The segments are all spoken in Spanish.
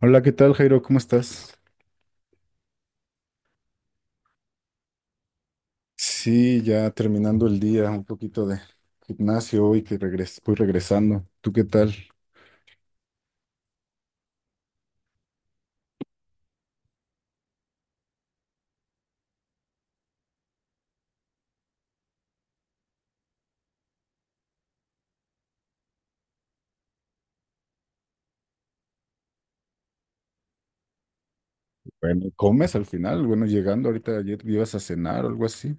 Hola, ¿qué tal, Jairo? ¿Cómo estás? Sí, ya terminando el día, un poquito de gimnasio hoy que regres voy regresando. ¿Tú qué tal? Bueno, ¿comes al final? Bueno, llegando ahorita ayer ibas a cenar o algo así.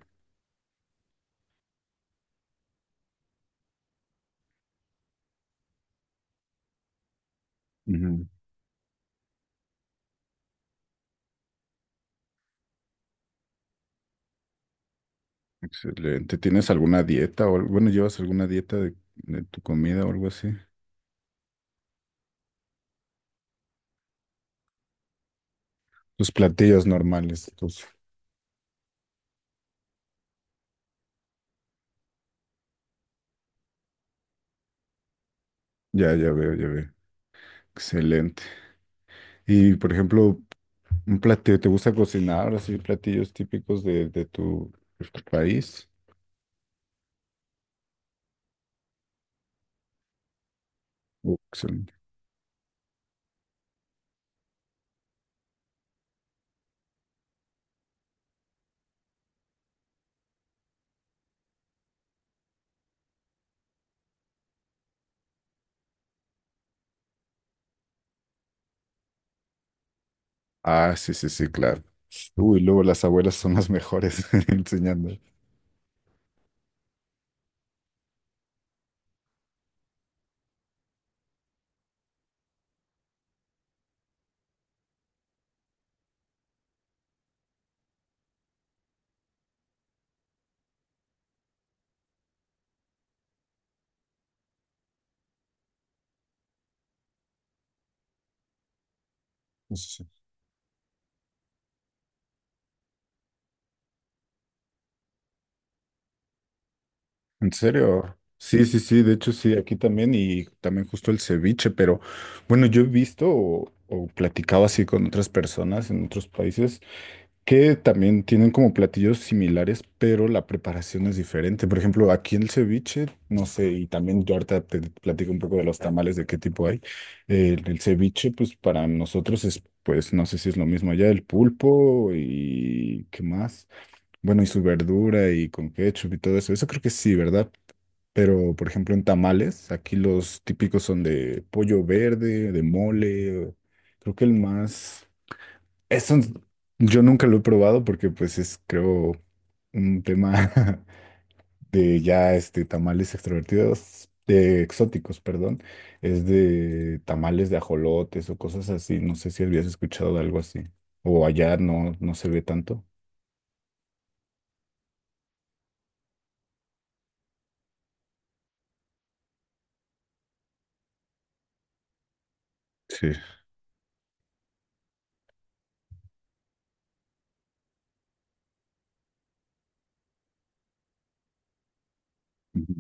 Ujú. Excelente. ¿Tienes alguna dieta o bueno, llevas alguna dieta de tu comida o algo así? Tus platillos normales, entonces. Ya, ya veo, ya veo. Excelente. Y por ejemplo, un platillo, ¿te gusta cocinar? Así platillos típicos de tu, de tu país. Oh, excelente. Ah, sí, sí, sí, claro. Uy, luego las abuelas son las mejores enseñando. Sí, sí. ¿En serio? Sí, sí, sí, de hecho sí, aquí también y también justo el ceviche, pero bueno, yo he visto o platicado así con otras personas en otros países que también tienen como platillos similares, pero la preparación es diferente. Por ejemplo, aquí el ceviche, no sé, y también yo ahorita te platico un poco de los tamales, de qué tipo hay. El ceviche, pues para nosotros es, pues no sé si es lo mismo allá, el pulpo y qué más. Bueno, y su verdura y con ketchup y todo eso. Eso creo que sí, ¿verdad? Pero, por ejemplo, en tamales, aquí los típicos son de pollo verde, de mole, creo que el más... Eso yo nunca lo he probado porque pues es creo un tema de ya este tamales extrovertidos, de exóticos, perdón, es de tamales de ajolotes o cosas así. No sé si habías escuchado de algo así. O allá no, no se ve tanto. Sí. Ujú.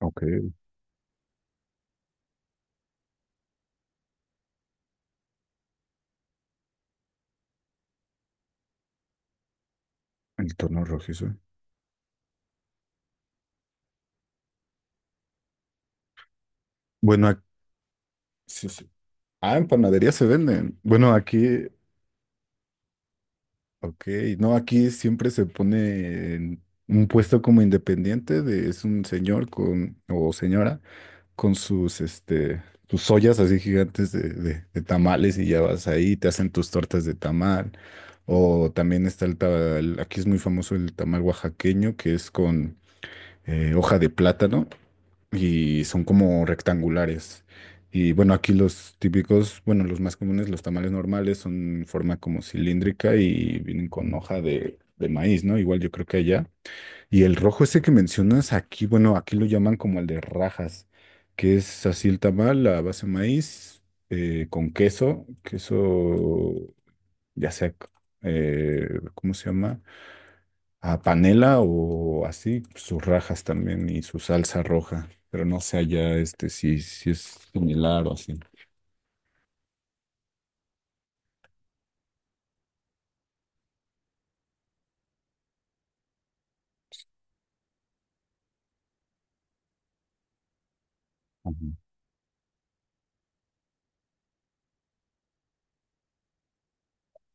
Ok, el tono rojizo. Bueno, sí, sí. Ah, en panadería se venden. Bueno, aquí. Ok, no, aquí siempre se pone en un puesto como independiente, de, es un señor con, o señora con sus, este, sus ollas así gigantes de, de tamales y ya vas ahí, te hacen tus tortas de tamal. O también está el, aquí es muy famoso el tamal oaxaqueño, que es con hoja de plátano y son como rectangulares. Y bueno, aquí los típicos, bueno, los más comunes, los tamales normales, son en forma como cilíndrica y vienen con hoja de maíz, ¿no? Igual yo creo que allá. Y el rojo ese que mencionas aquí, bueno, aquí lo llaman como el de rajas, que es así el tamal, la base de maíz, con queso, queso, ya sea, eh, ¿cómo se llama? A panela o así, sus rajas también y su salsa roja, pero no sé allá este si, si es similar o así. Ajá.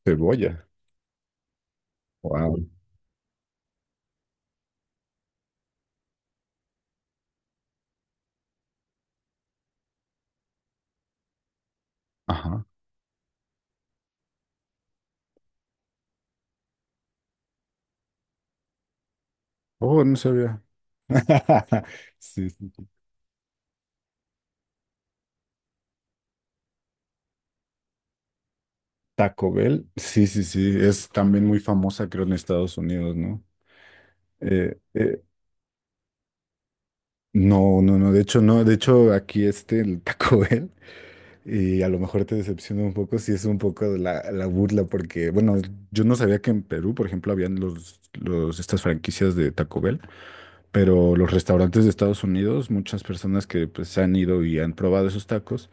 Cebolla. Wow. Ajá. Oh, no sabía. Sí, sí. Taco Bell, sí, sí, sí, es también muy famosa, creo, en Estados Unidos, ¿no? Eh, eh, no, no, no, de hecho, no, de hecho, aquí este, el Taco Bell. Y a lo mejor te decepciona un poco si es un poco de la burla, porque, bueno, yo no sabía que en Perú, por ejemplo, habían estas franquicias de Taco Bell, pero los restaurantes de Estados Unidos, muchas personas que pues han ido y han probado esos tacos,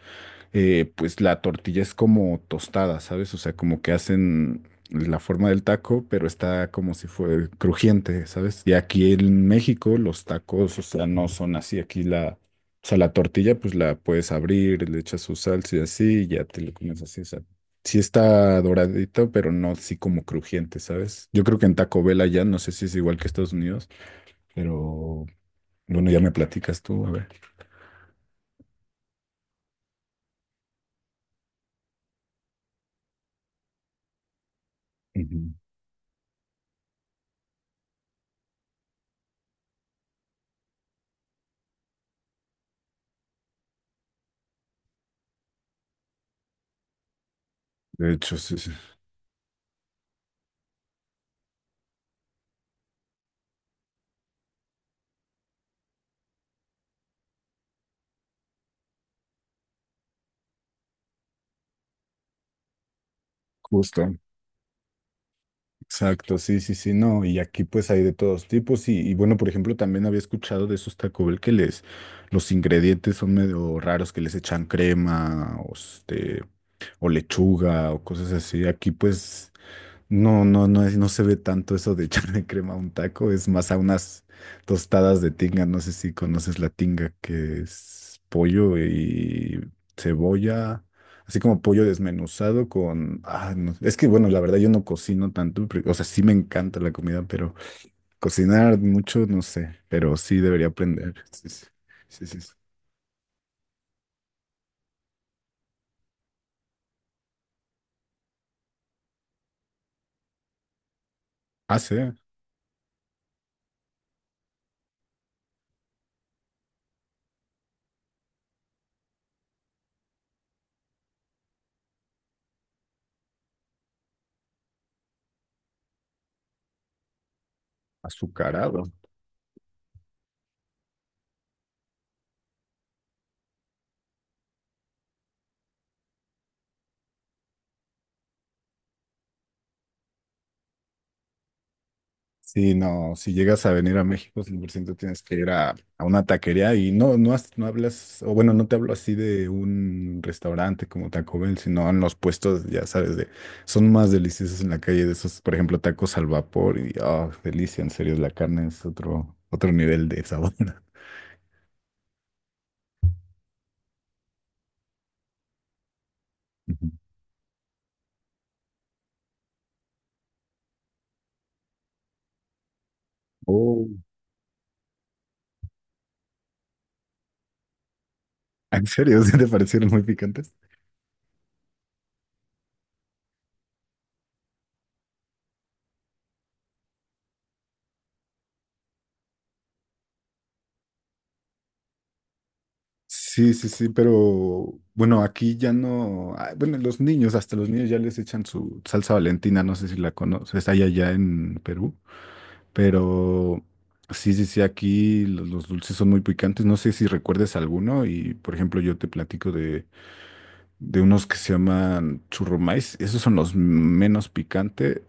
pues la tortilla es como tostada, ¿sabes? O sea, como que hacen la forma del taco, pero está como si fuera crujiente, ¿sabes? Y aquí en México los tacos, o sea, no son así. Aquí la, o sea, la tortilla, pues la puedes abrir, le echas su salsa y así, y ya te lo comes así, o sea. Sí está doradito, pero no así como crujiente, ¿sabes? Yo creo que en Taco Bell allá, no sé si es igual que Estados Unidos, pero bueno, ya me platicas tú, a ver. Ujú. De hecho, sí, sí. Justo. Exacto, sí, sí, sí, no, y aquí pues hay de todos tipos y bueno, por ejemplo, también había escuchado de esos Taco Bell que les, los ingredientes son medio raros, que les echan crema o, este, o lechuga o cosas así, aquí pues no, no, no, no se ve tanto eso de echarle crema a un taco, es más a unas tostadas de tinga. No sé si conoces la tinga, que es pollo y cebolla, así como pollo desmenuzado con... Ah, no, es que bueno, la verdad yo no cocino tanto, pero o sea, sí me encanta la comida, pero cocinar mucho, no sé, pero sí debería aprender. Sí, sí, sí, sí, sí. Ah, sí, azucarado. Sí, no, si llegas a venir a México, 100% tienes que ir a una taquería y no, no, no hablas, o bueno, no te hablo así de un restaurante como Taco Bell, sino en los puestos, ya sabes, de, son más deliciosos en la calle de esos, por ejemplo, tacos al vapor y, oh, delicia, en serio, la carne es otro, otro nivel de sabor. Ujú. Oh. ¿En serio? ¿Sí te parecieron muy picantes? Sí, sí, sí, pero bueno, aquí ya no, ah, bueno, los niños, hasta los niños ya les echan su salsa Valentina, no sé si la conoces, hay allá en Perú, pero sí, sí, sí, aquí los dulces son muy picantes, no sé si recuerdes alguno y por ejemplo yo te platico de unos que se llaman churrumais, esos son los menos picantes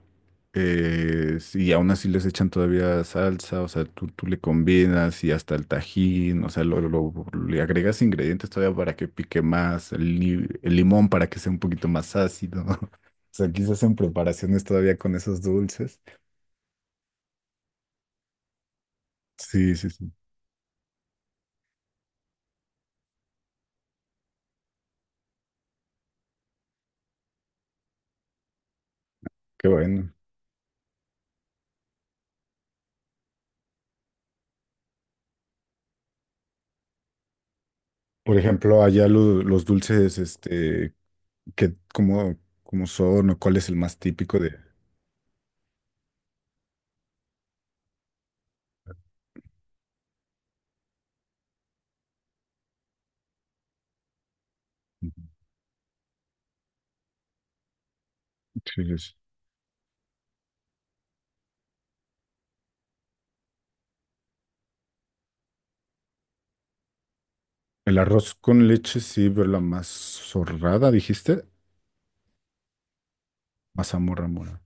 y aún así les echan todavía salsa, o sea, tú le combinas y hasta el tajín, o sea, lo, le agregas ingredientes todavía para que pique más, el, el limón para que sea un poquito más ácido. O sea, quizás en preparaciones todavía con esos dulces. Sí, sí, sí, qué bueno. Por ejemplo, allá los dulces, este, que, ¿cómo, cómo son o cuál es el más típico de... Ujú. Sí, sí, sí. El arroz con leche, sí, pero la mazorrada, dijiste. Mazamorra, mora.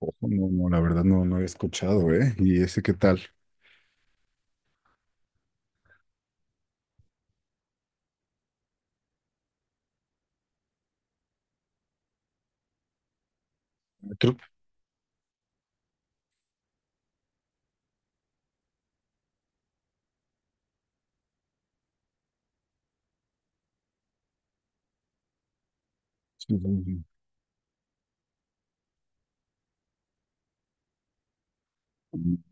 Ojo, no, no, la verdad no, no había escuchado, ¿eh? ¿Y ese qué tal? Creo que sí, sí, sí.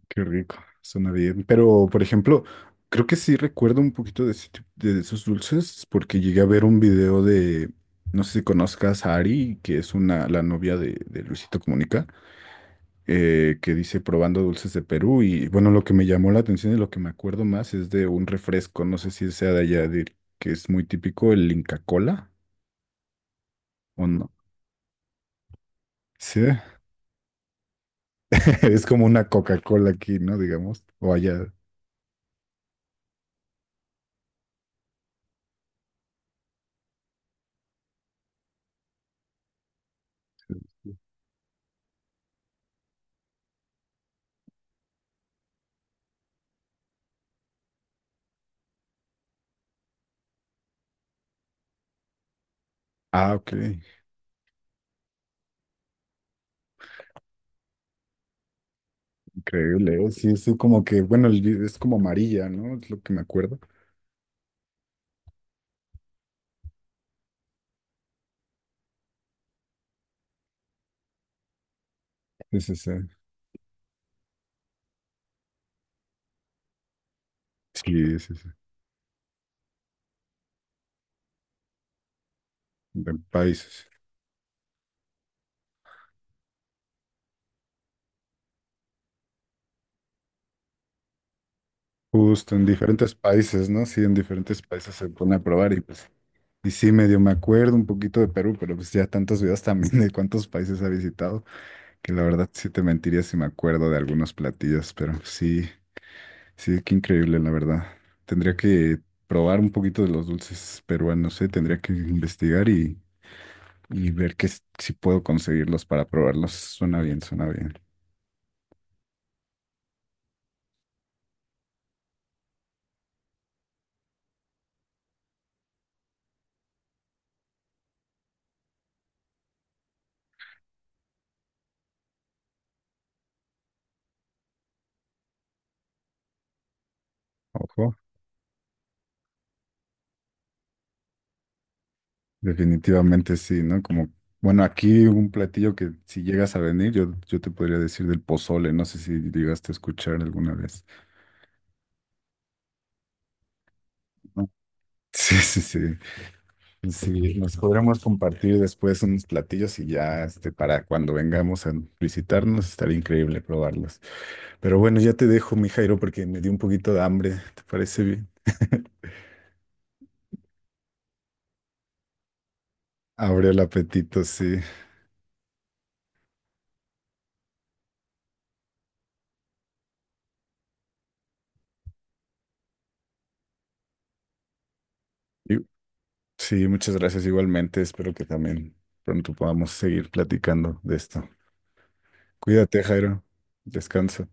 Qué rico, suena bien. Pero, por ejemplo, creo que sí recuerdo un poquito de, ese de esos dulces porque llegué a ver un video de, no sé si conozcas a Ari, que es una, la novia de Luisito Comunica, que dice probando dulces de Perú. Y bueno, lo que me llamó la atención y lo que me acuerdo más es de un refresco, no sé si sea de allá, de- que es muy típico, el Inca Cola, ¿o no? Sí, es como una Coca-Cola aquí, ¿no? Digamos, o allá. Ah, ok, increíble. ¿Eh? Sí, es como que, bueno, el- es como amarilla, ¿no? Es lo que me acuerdo. Sí, sí, sí. Sí, sí, sí. De países. Justo, en diferentes países, ¿no? Sí, en diferentes países se pone a probar y pues, y sí, medio me acuerdo un poquito de Perú, pero pues ya tantos videos también de cuántos países ha visitado, que la verdad sí te mentiría si me acuerdo de algunos platillos, pero sí, sí, qué increíble, la verdad. Tendría que probar un poquito de los dulces peruanos, ¿eh? Tendría que investigar y ver que si puedo conseguirlos para probarlos. Suena bien, suena bien. Ojo, definitivamente sí, ¿no? Como, bueno, aquí un platillo que si llegas a venir, yo te podría decir del pozole. No sé si llegaste a escuchar alguna vez. No. Sí, sí, sí. Sí, nos podremos compartir después unos platillos y ya este, para cuando vengamos a visitarnos estaría increíble probarlos. Pero bueno, ya te dejo, mi Jairo, porque me dio un poquito de hambre. ¿Te parece bien? Abre el apetito, sí. Y sí, muchas gracias igualmente. Espero que también pronto podamos seguir platicando de esto. Cuídate, Jairo. Descansa.